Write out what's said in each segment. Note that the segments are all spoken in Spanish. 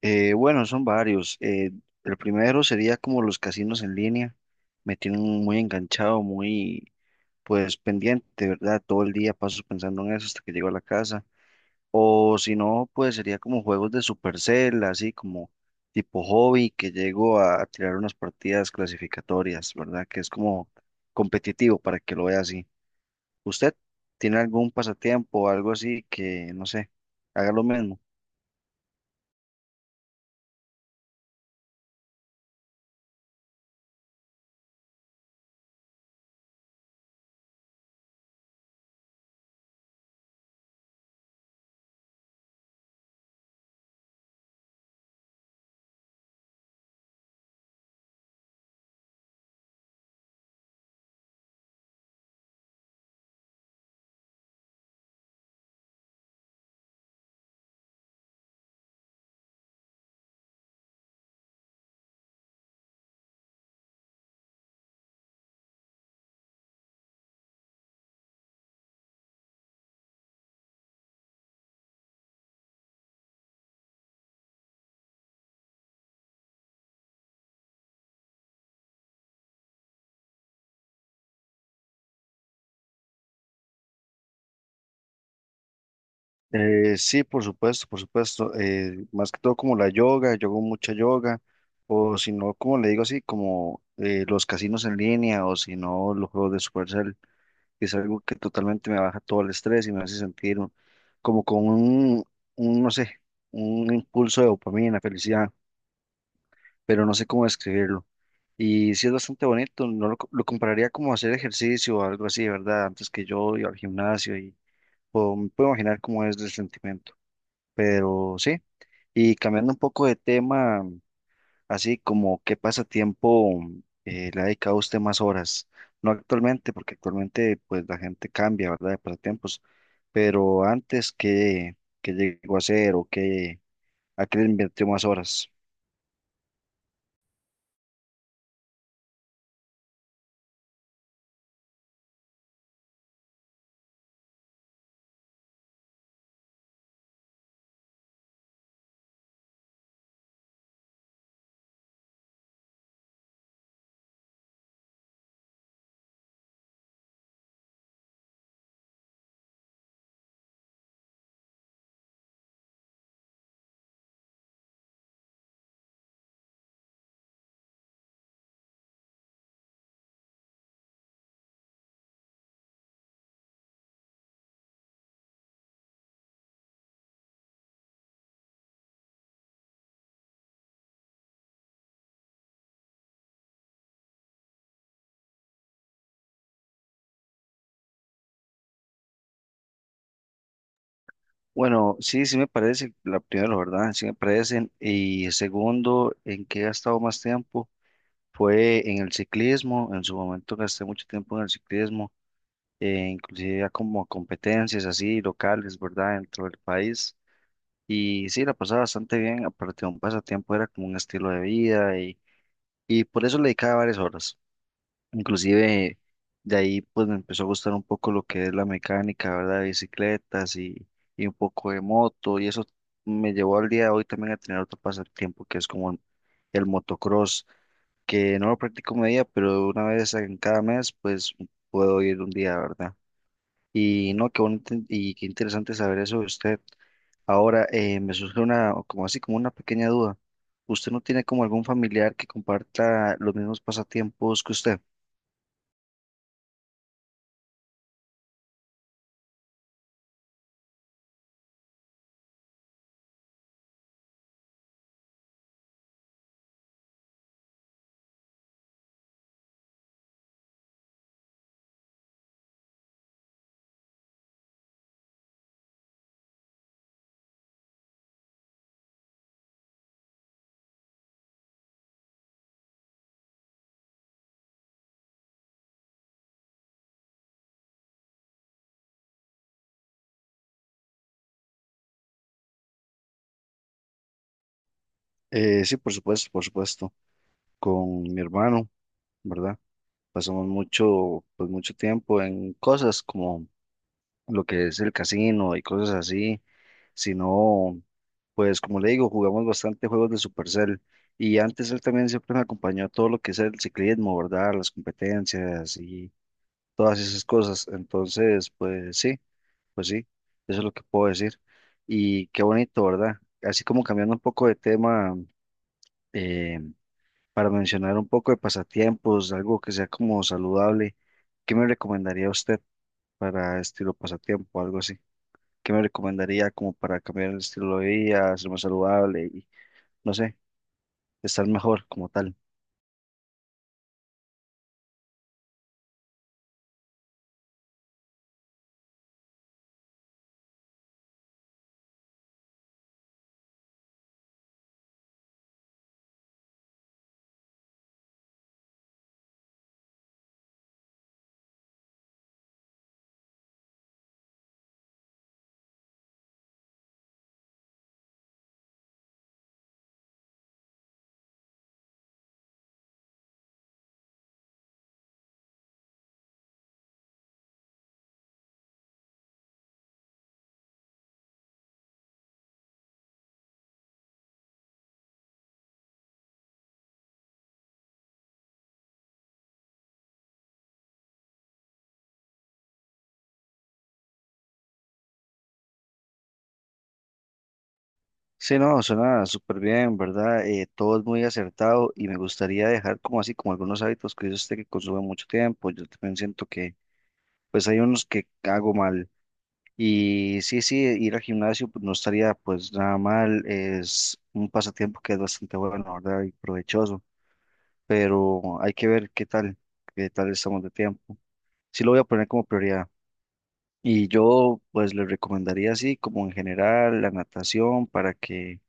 Bueno, son varios. El primero sería como los casinos en línea. Me tienen muy enganchado, muy pues pendiente, ¿verdad? Todo el día paso pensando en eso hasta que llego a la casa. O si no, pues sería como juegos de Supercell, así como tipo hobby, que llego a tirar unas partidas clasificatorias, ¿verdad? Que es como competitivo para que lo vea así. ¿Usted tiene algún pasatiempo o algo así que, no sé, haga lo mismo? Sí, por supuesto, por supuesto. Más que todo como la yoga, yo hago mucha yoga, o si no, como le digo así, como los casinos en línea, o si no, los juegos de Supercell, que es algo que totalmente me baja todo el estrés y me hace sentir un- como con un no sé, un impulso de dopamina, felicidad, pero no sé cómo describirlo. Y sí es bastante bonito, no lo, co- lo compararía como hacer ejercicio o algo así, ¿verdad? Antes que yo iba al gimnasio y puedo imaginar cómo es el sentimiento. Pero sí, y cambiando un poco de tema, así como qué pasatiempo le ha dedicado usted más horas, no actualmente, porque actualmente pues la gente cambia, ¿verdad? De pasatiempos, pero antes qué llegó a hacer o qué a qué le invirtió más horas. Bueno, sí, sí me parece, la primera, ¿verdad? Sí me parecen. Y segundo, en qué he gastado más tiempo fue en el ciclismo, en su momento gasté mucho tiempo en el ciclismo inclusive a como a competencias así locales, ¿verdad? Dentro del país. Y sí, la pasaba bastante bien, aparte de un pasatiempo, era como un estilo de vida y por eso le dedicaba varias horas. Inclusive de ahí pues me empezó a gustar un poco lo que es la mecánica, ¿verdad? De bicicletas y un poco de moto y eso me llevó al día de hoy también a tener otro pasatiempo que es como el motocross, que no lo practico media, pero una vez en cada mes pues puedo ir un día, ¿verdad? Y no, qué bonito y qué interesante saber eso de usted. Ahora, me surge una, como así, como una pequeña duda. ¿Usted no tiene como algún familiar que comparta los mismos pasatiempos que usted? Sí, por supuesto, por supuesto. Con mi hermano, ¿verdad? Pasamos mucho, pues mucho tiempo en cosas como lo que es el casino y cosas así, sino pues como le digo, jugamos bastante juegos de Supercell y antes él también siempre me acompañó a todo lo que es el ciclismo, ¿verdad? Las competencias y todas esas cosas. Entonces, pues sí, eso es lo que puedo decir. Y qué bonito, ¿verdad? Así como cambiando un poco de tema, eh, para mencionar un poco de pasatiempos, algo que sea como saludable, ¿qué me recomendaría usted para estilo pasatiempo, algo así? ¿Qué me recomendaría como para cambiar el estilo de vida, ser más saludable y no sé? Estar mejor como tal. Sí, no, suena súper bien, ¿verdad? Todo es muy acertado y me gustaría dejar como así, como algunos hábitos que yo sé que consumen mucho tiempo. Yo también siento que, pues hay unos que hago mal. Y sí, sí, ir al gimnasio pues, no estaría pues nada mal. Es un pasatiempo que es bastante bueno, ¿verdad? Y provechoso. Pero hay que ver qué tal estamos de tiempo. Sí lo voy a poner como prioridad. Y yo pues le recomendaría así, como en general, la natación para que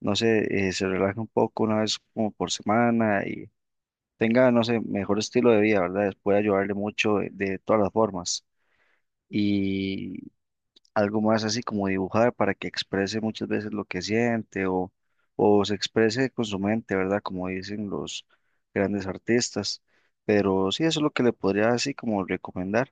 no sé, se relaje un poco una vez como por semana y tenga, no sé, mejor estilo de vida, ¿verdad? Puede ayudarle mucho de todas las formas. Y algo más así como dibujar para que exprese muchas veces lo que siente o se exprese con su mente, ¿verdad? Como dicen los grandes artistas. Pero sí, eso es lo que le podría así como recomendar.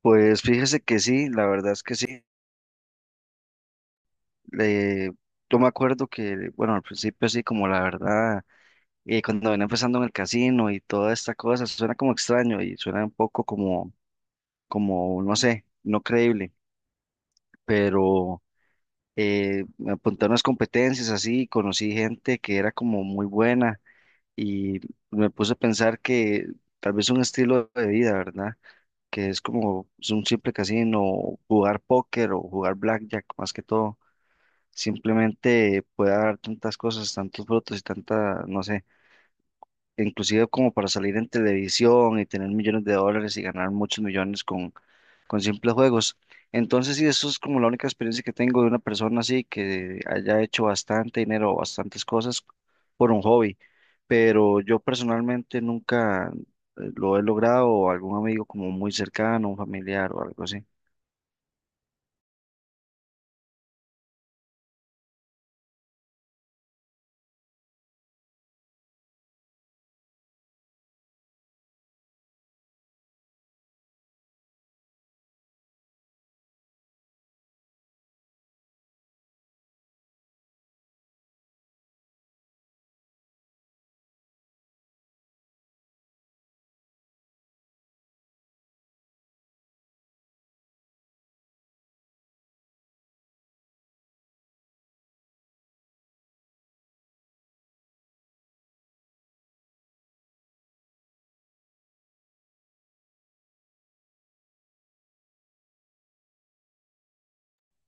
Pues fíjese que sí, la verdad es que sí. Le, yo me acuerdo que, bueno, al principio así como la verdad y cuando venía empezando en el casino y toda esta cosa, suena como extraño y suena un poco como, como, no sé, no creíble, pero me apunté a unas competencias así, conocí gente que era como muy buena y me puse a pensar que tal vez un estilo de vida, ¿verdad? Que es como es un simple casino, jugar póker o jugar blackjack, más que todo, simplemente puede dar tantas cosas, tantos frutos y tanta, no sé inclusive como para salir en televisión y tener millones de dólares y ganar muchos millones con simples juegos. Entonces, sí, eso es como la única experiencia que tengo de una persona así que haya hecho bastante dinero o bastantes cosas por un hobby. Pero yo personalmente nunca lo he logrado o algún amigo como muy cercano, un familiar o algo así.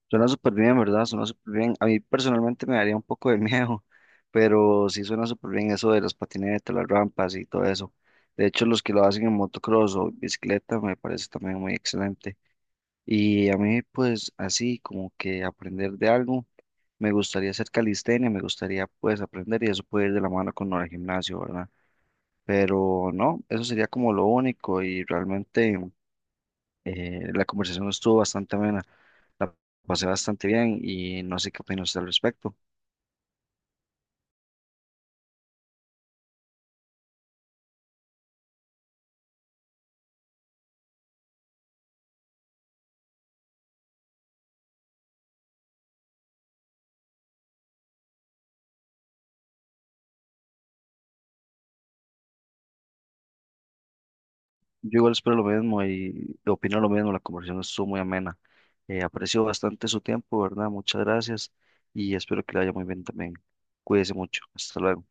Suena súper bien, ¿verdad? Suena súper bien. A mí personalmente me daría un poco de miedo, pero sí suena súper bien eso de las patinetas, las rampas y todo eso. De hecho, los que lo hacen en motocross o bicicleta me parece también muy excelente. Y a mí, pues así como que aprender de algo, me gustaría hacer calistenia, me gustaría pues aprender y eso puede ir de la mano con el gimnasio, ¿verdad? Pero no, eso sería como lo único y realmente la conversación estuvo bastante amena. La pasé bastante bien y no sé qué opina usted al respecto. Yo igual espero lo mismo y opino lo mismo. La conversación estuvo muy amena. Aprecio bastante su tiempo, ¿verdad? Muchas gracias y espero que le vaya muy bien también. Cuídese mucho. Hasta luego.